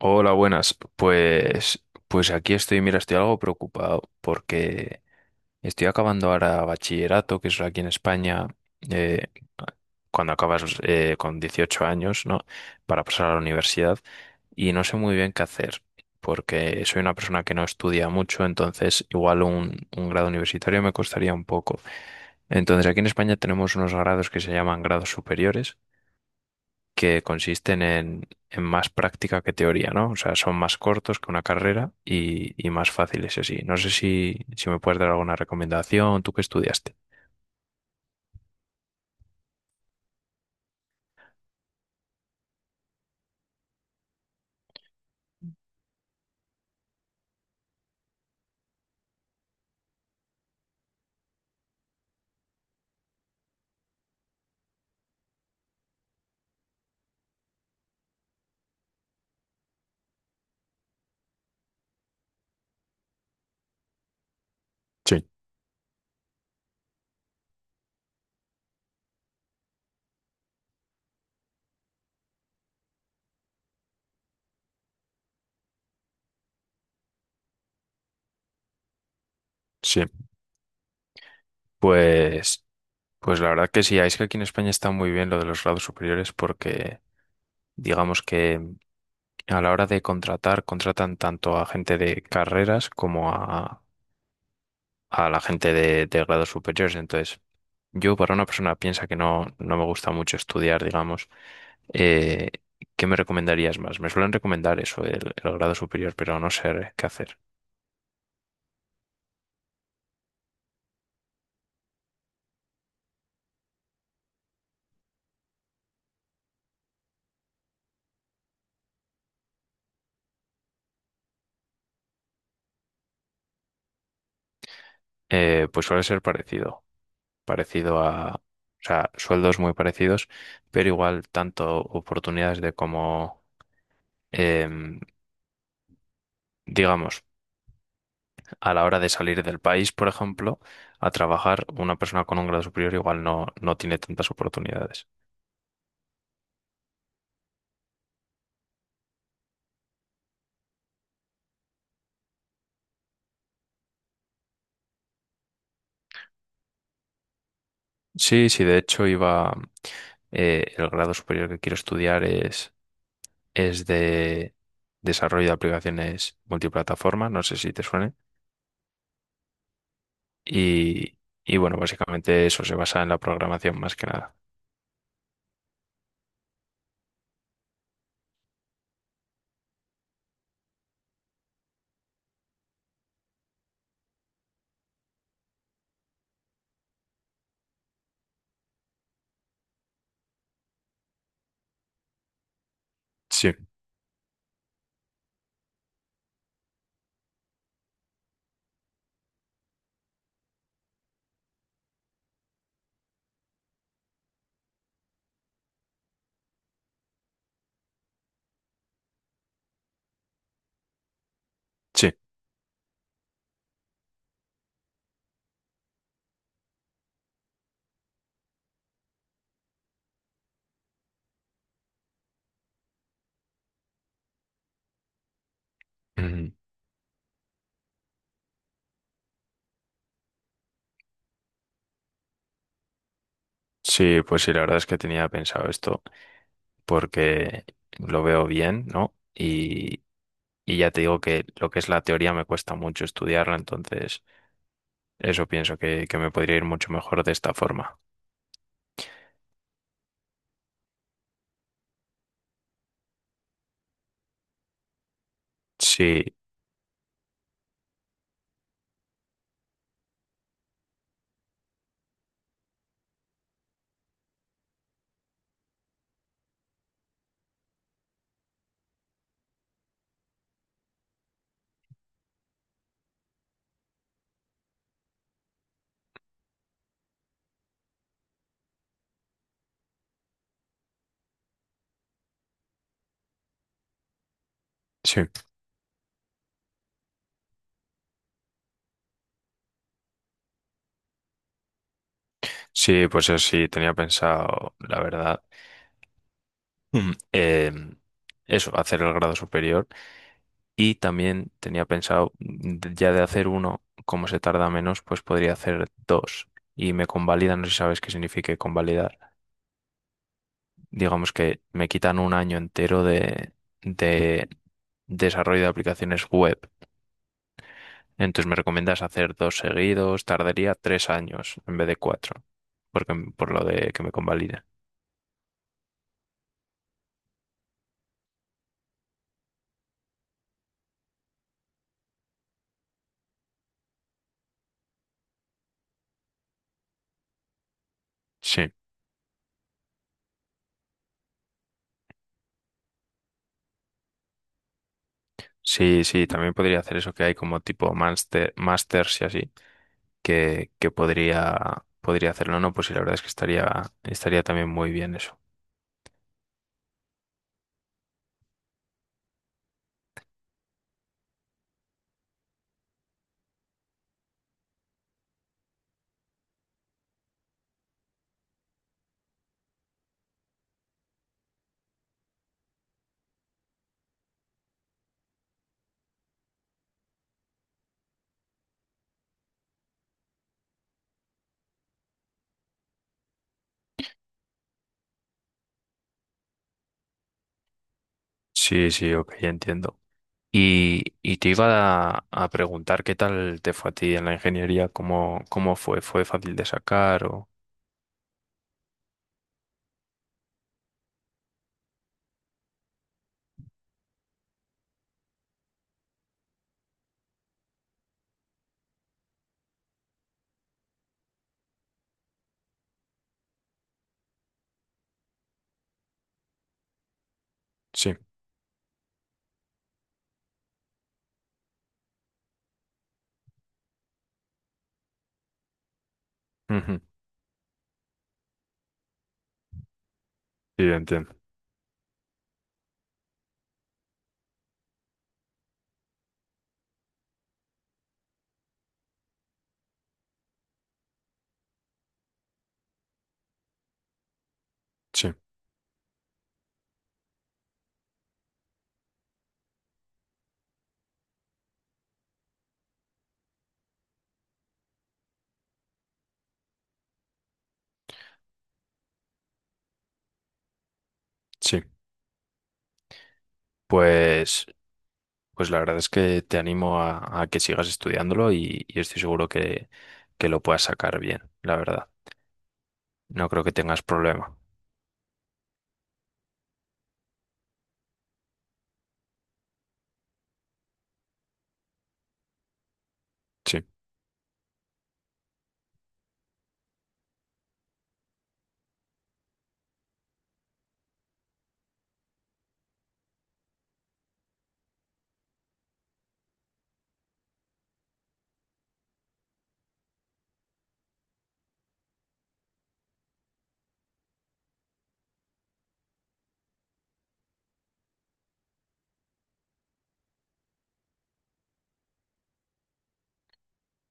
Hola, buenas. Pues, aquí estoy, mira, estoy algo preocupado porque estoy acabando ahora bachillerato, que es aquí en España, eh, cuando acabas con 18 años, ¿no? Para pasar a la universidad y no sé muy bien qué hacer porque soy una persona que no estudia mucho, entonces igual un grado universitario me costaría un poco. Entonces aquí en España tenemos unos grados que se llaman grados superiores que consisten en más práctica que teoría, ¿no? O sea, son más cortos que una carrera y más fáciles así. No sé si me puedes dar alguna recomendación, tú que estudiaste. Sí, sí. Pues, pues, la verdad que sí, es que aquí en España está muy bien lo de los grados superiores porque digamos que a la hora de contratar, contratan tanto a gente de carreras como a la gente de grados superiores. Entonces, yo, para una persona piensa que no me gusta mucho estudiar, digamos, eh, ¿qué me recomendarías más? Me suelen recomendar eso, el grado superior, pero no sé qué hacer. Pues suele ser parecido, parecido a, o sea, sueldos muy parecidos, pero igual tanto oportunidades de como, em, digamos, a la hora de salir del país, por ejemplo, a trabajar, una persona con un grado superior igual no tiene tantas oportunidades. Sí, sí, de hecho iba, el grado superior que quiero estudiar es de desarrollo de aplicaciones multiplataforma, no sé si te suene, y, y bueno, básicamente eso se basa en la programación más que nada. Sí, sí. Ujú. Sí, pues sí, la verdad es que tenía pensado esto porque lo veo bien, ¿no? Y ya te digo que lo que es la teoría me cuesta mucho estudiarla, entonces eso pienso que me podría ir mucho mejor de esta forma. Sí, sí. Sí, pues eso sí, tenía pensado, la verdad, mm, em, eso, hacer el grado superior y también tenía pensado, ya de hacer uno, como se tarda menos, pues podría hacer dos y me convalidan, no sé si sabes qué significa convalidar. Digamos que me quitan un año entero de desarrollo de aplicaciones web. Entonces me recomiendas hacer dos seguidos, tardaría 3 años en vez de 4, porque por lo de que me convaliden. Sí. Sí, sí, también podría hacer eso que hay como tipo master, masters y así, que podría, podría hacerlo, ¿no? Pues sí, la verdad es que estaría también muy bien eso. Sí, sí, ok, ya entiendo. Y te iba a preguntar qué tal te fue a ti en la ingeniería, cómo fue, ¿fue fácil de sacar o...? Sí, ujú, sí, entiendo. Sí, sí. Pues, pues, la verdad es que te animo a que sigas estudiándolo y estoy seguro que lo puedas sacar bien, la verdad. No creo que tengas problema. Sí,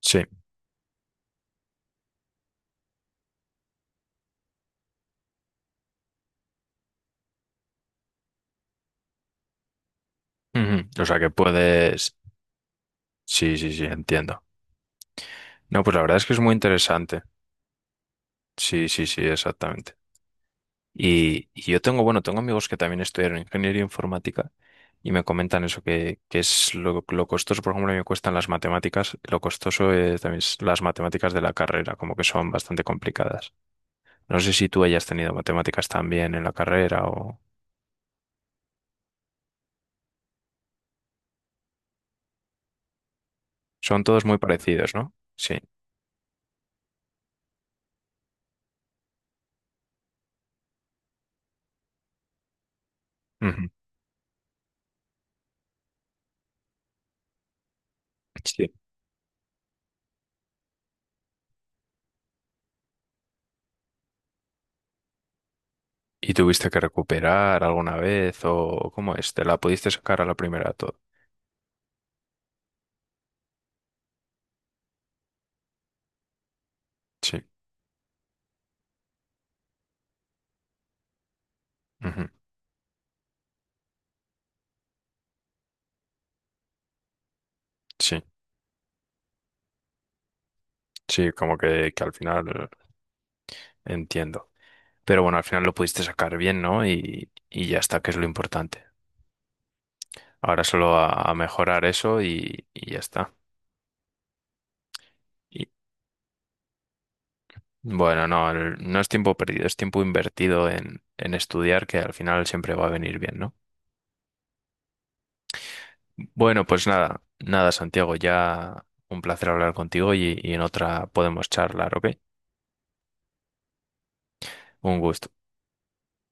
sí. Ujú. O sea que puedes... Sí, sí, sí, entiendo. No, pues la verdad es que es muy interesante. Sí, sí, sí, exactamente. Y yo tengo, bueno, tengo amigos que también estudiaron ingeniería informática y me comentan eso, que es lo costoso, por ejemplo, a mí me cuestan las matemáticas, lo costoso también es las matemáticas de la carrera, como que son bastante complicadas. No sé si tú hayas tenido matemáticas también en la carrera o... Son todos muy parecidos, ¿no? Sí. Ujú. Sí. ¿Y tuviste que recuperar alguna vez o cómo es? ¿Te la pudiste sacar a la primera todo? Sí, ujú, sí, sí, como que al final entiendo. Pero bueno, al final lo pudiste sacar bien, ¿no? Y ya está, que es lo importante. Ahora solo a mejorar eso y ya está. Y bueno, no, no es tiempo perdido, es tiempo invertido en estudiar que al final siempre va a venir bien, ¿no? Bueno, pues nada, nada, Santiago, ya un placer hablar contigo y en otra podemos charlar, ¿ok? Un gusto.